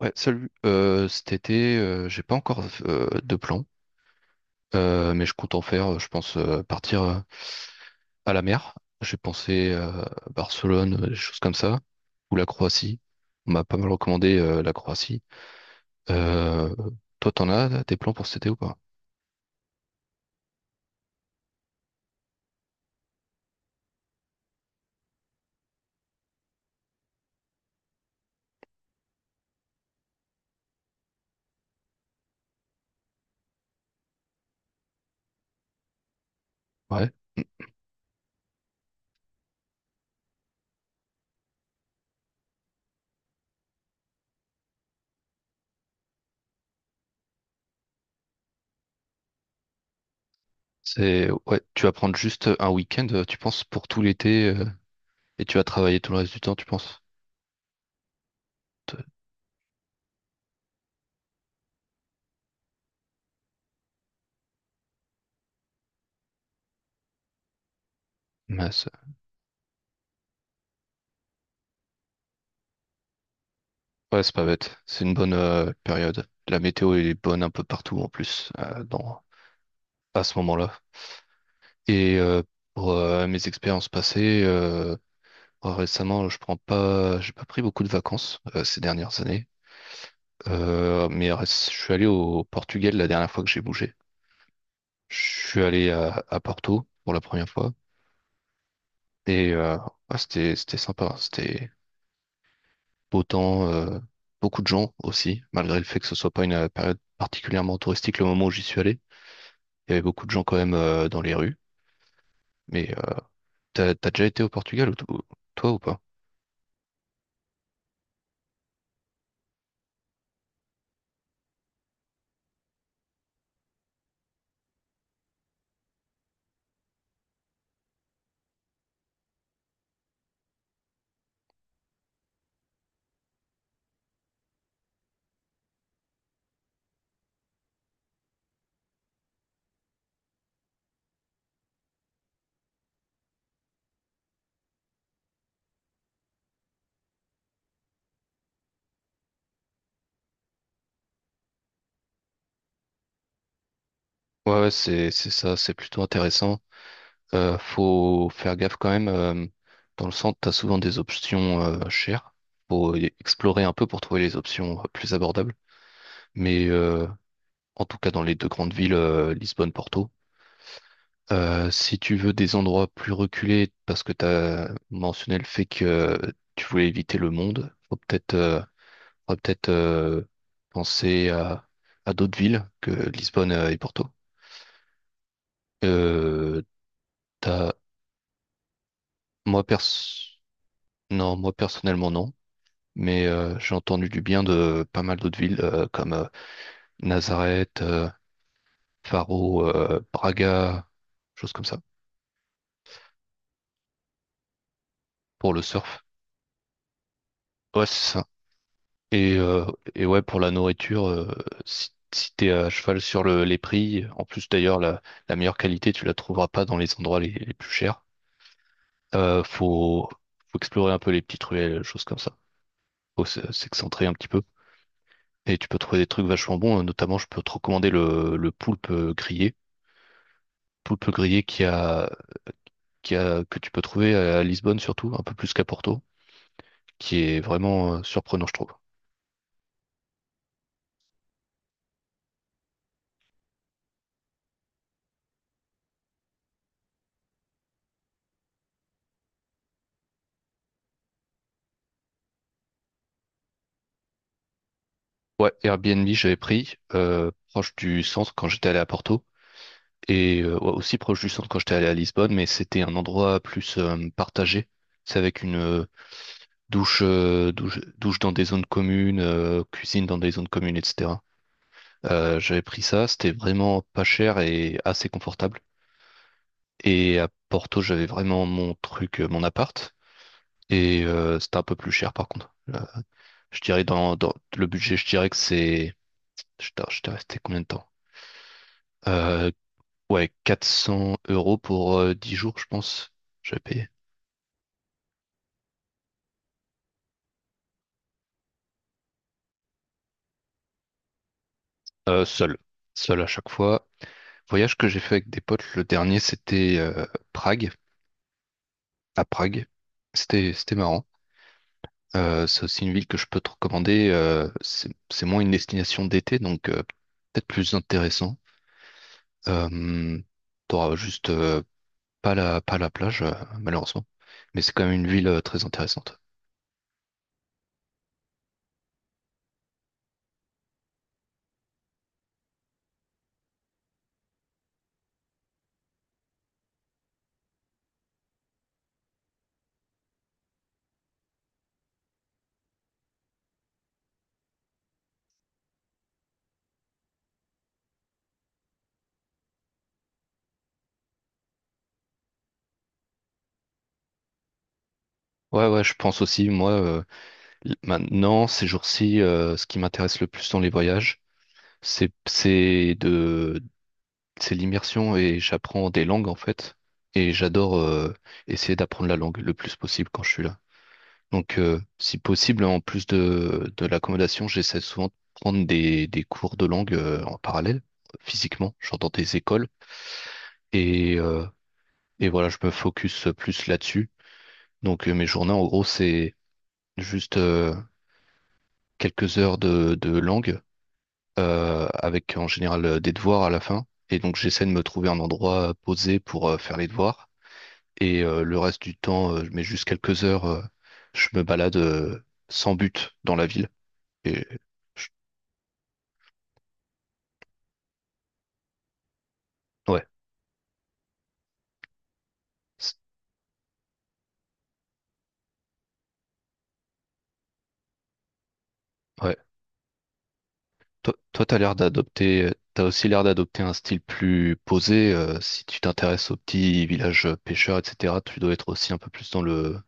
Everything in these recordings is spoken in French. Ouais, salut. Cet été, j'ai pas encore de plan, mais je compte en faire. Je pense partir à la mer. J'ai pensé à Barcelone, des choses comme ça, ou la Croatie. On m'a pas mal recommandé la Croatie. Euh, Toi, t'en as là, des plans pour cet été ou pas? Ouais. C'est ouais. Tu vas prendre juste un week-end, tu penses, pour tout l'été, et tu vas travailler tout le reste du temps, tu penses? Te- Mince. Ouais, c'est pas bête. C'est une bonne période. La météo est bonne un peu partout en plus, dans à ce moment-là. Et pour mes expériences passées, bah, récemment, je prends pas, j'ai pas pris beaucoup de vacances ces dernières années. Je suis allé au Portugal la dernière fois que j'ai bougé. Je suis allé à Porto pour la première fois et ouais, c'était sympa, hein. C'était beau temps, beaucoup de gens aussi, malgré le fait que ce soit pas une période particulièrement touristique. Le moment où j'y suis allé, il y avait beaucoup de gens quand même dans les rues, mais t'as déjà été au Portugal toi ou pas? Ouais, ouais, c'est ça, c'est plutôt intéressant. Faut faire gaffe quand même. Dans le centre, t'as souvent des options chères. Explorer un peu pour trouver les options plus abordables. Mais en tout cas, dans les deux grandes villes, Lisbonne, Porto, si tu veux des endroits plus reculés, parce que tu as mentionné le fait que tu voulais éviter le monde, faut peut-être faudra peut-être penser à d'autres villes que Lisbonne et Porto. Euh, t'as, moi pers- non, moi personnellement non, mais j'ai entendu du bien de pas mal d'autres villes comme Nazareth, Faro, Braga, choses comme ça pour le surf. Ouais, c'est ça. Et, euh, et ouais, pour la nourriture, si t'es à cheval sur les prix, en plus d'ailleurs, la meilleure qualité, tu la trouveras pas dans les endroits les plus chers. Euh, faut, Faut explorer un peu les petites ruelles, choses comme ça. S'excentrer un petit peu. Et tu peux trouver des trucs vachement bons. Notamment, je peux te recommander le poulpe grillé. Poulpe grillé que tu peux trouver à Lisbonne surtout, un peu plus qu'à Porto, qui est vraiment surprenant, je trouve. Ouais, Airbnb, j'avais pris, proche du centre quand j'étais allé à Porto. Et ouais, aussi proche du centre quand j'étais allé à Lisbonne, mais c'était un endroit plus partagé. C'est avec une douche, douche dans des zones communes, cuisine dans des zones communes, etc. J'avais pris ça, c'était vraiment pas cher et assez confortable. Et à Porto, j'avais vraiment mon truc, mon appart, et c'était un peu plus cher par contre. Je dirais dans le budget, je dirais que c'est... Je t'ai resté combien de temps? Euh, ouais, 400 euros pour 10 jours, je pense. J'avais payé. Seul. Seul à chaque fois. Voyage que j'ai fait avec des potes, le dernier, c'était Prague, à Prague. C'était marrant. C'est aussi une ville que je peux te recommander. C'est moins une destination d'été, donc peut-être plus intéressant. Euh, T'auras juste pas la plage, malheureusement. Mais c'est quand même une ville très intéressante. Ouais, ouais, je pense aussi, moi, maintenant, ces jours-ci, ce qui m'intéresse le plus dans les voyages, c'est, c'est de c'est l'immersion et j'apprends des langues en fait. Et j'adore essayer d'apprendre la langue le plus possible quand je suis là. Donc, si possible, en plus de l'accommodation, j'essaie souvent de prendre des cours de langue en parallèle, physiquement, genre dans des écoles. Et, euh, et voilà, je me focus plus là-dessus. Donc, mes journées, en gros, c'est juste quelques heures de langue avec en général des devoirs à la fin. Et donc, j'essaie de me trouver un endroit posé pour faire les devoirs. Et le reste du temps, je mets juste quelques heures, je me balade sans but dans la ville. Et je- ouais, c'est- ouais. Toi, t'as l'air d'adopter, t'as aussi l'air d'adopter un style plus posé. Si tu t'intéresses aux petits villages pêcheurs, etc., tu dois être aussi un peu plus dans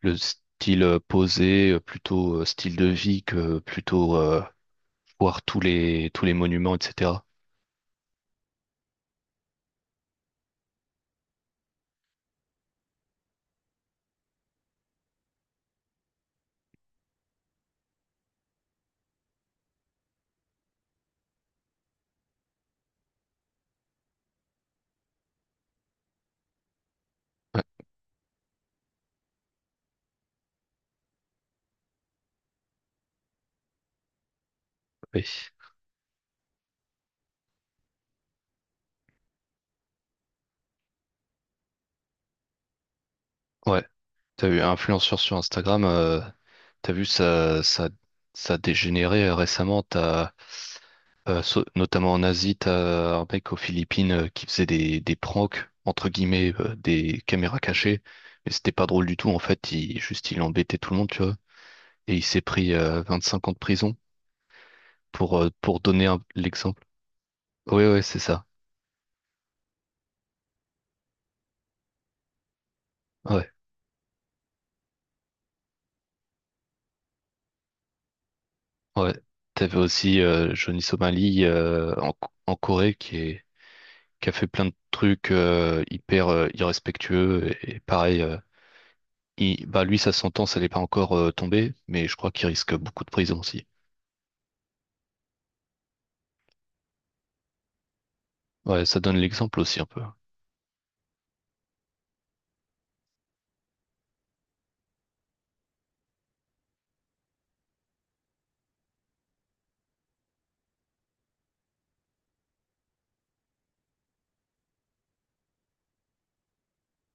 le style posé, plutôt style de vie que plutôt voir tous les monuments, etc. Ouais, oui. Ouais. T'as vu, influenceur sur Instagram, t'as vu, ça a dégénéré récemment. Notamment en Asie, t'as un mec aux Philippines qui faisait des pranks, entre guillemets, des caméras cachées. Mais c'était pas drôle du tout, en fait. Il, juste, il embêtait tout le monde, tu vois. Et il s'est pris 25 ans de prison pour, pour donner l'exemple. Oui, ouais, ouais, c'est ça. Ouais, ouais. T'avais aussi Johnny Somali en Corée qui a fait plein de trucs hyper irrespectueux. Et pareil, bah, lui, sa sentence, elle est pas encore tombée, mais je crois qu'il risque beaucoup de prison aussi. Ouais, ça donne l'exemple aussi un peu.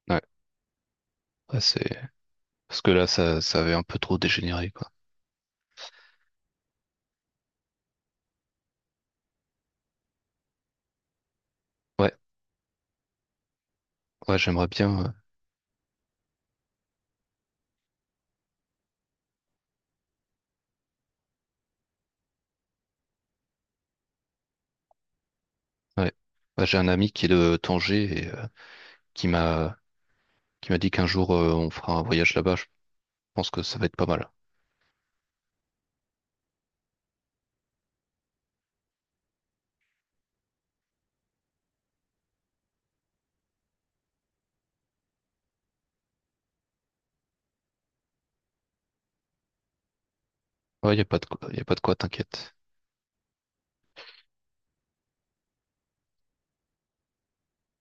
Ouais, ouais, c'est parce que là, ça avait un peu trop dégénéré, quoi. Ouais, ouais, j'aimerais bien. Ouais, ouais, j'ai un ami qui est de Tanger et qui m'a qui m'a dit qu'un jour on fera un voyage là-bas. Je pense que ça va être pas mal. Ouais, y a pas de quoi, y a pas de quoi, t'inquiète.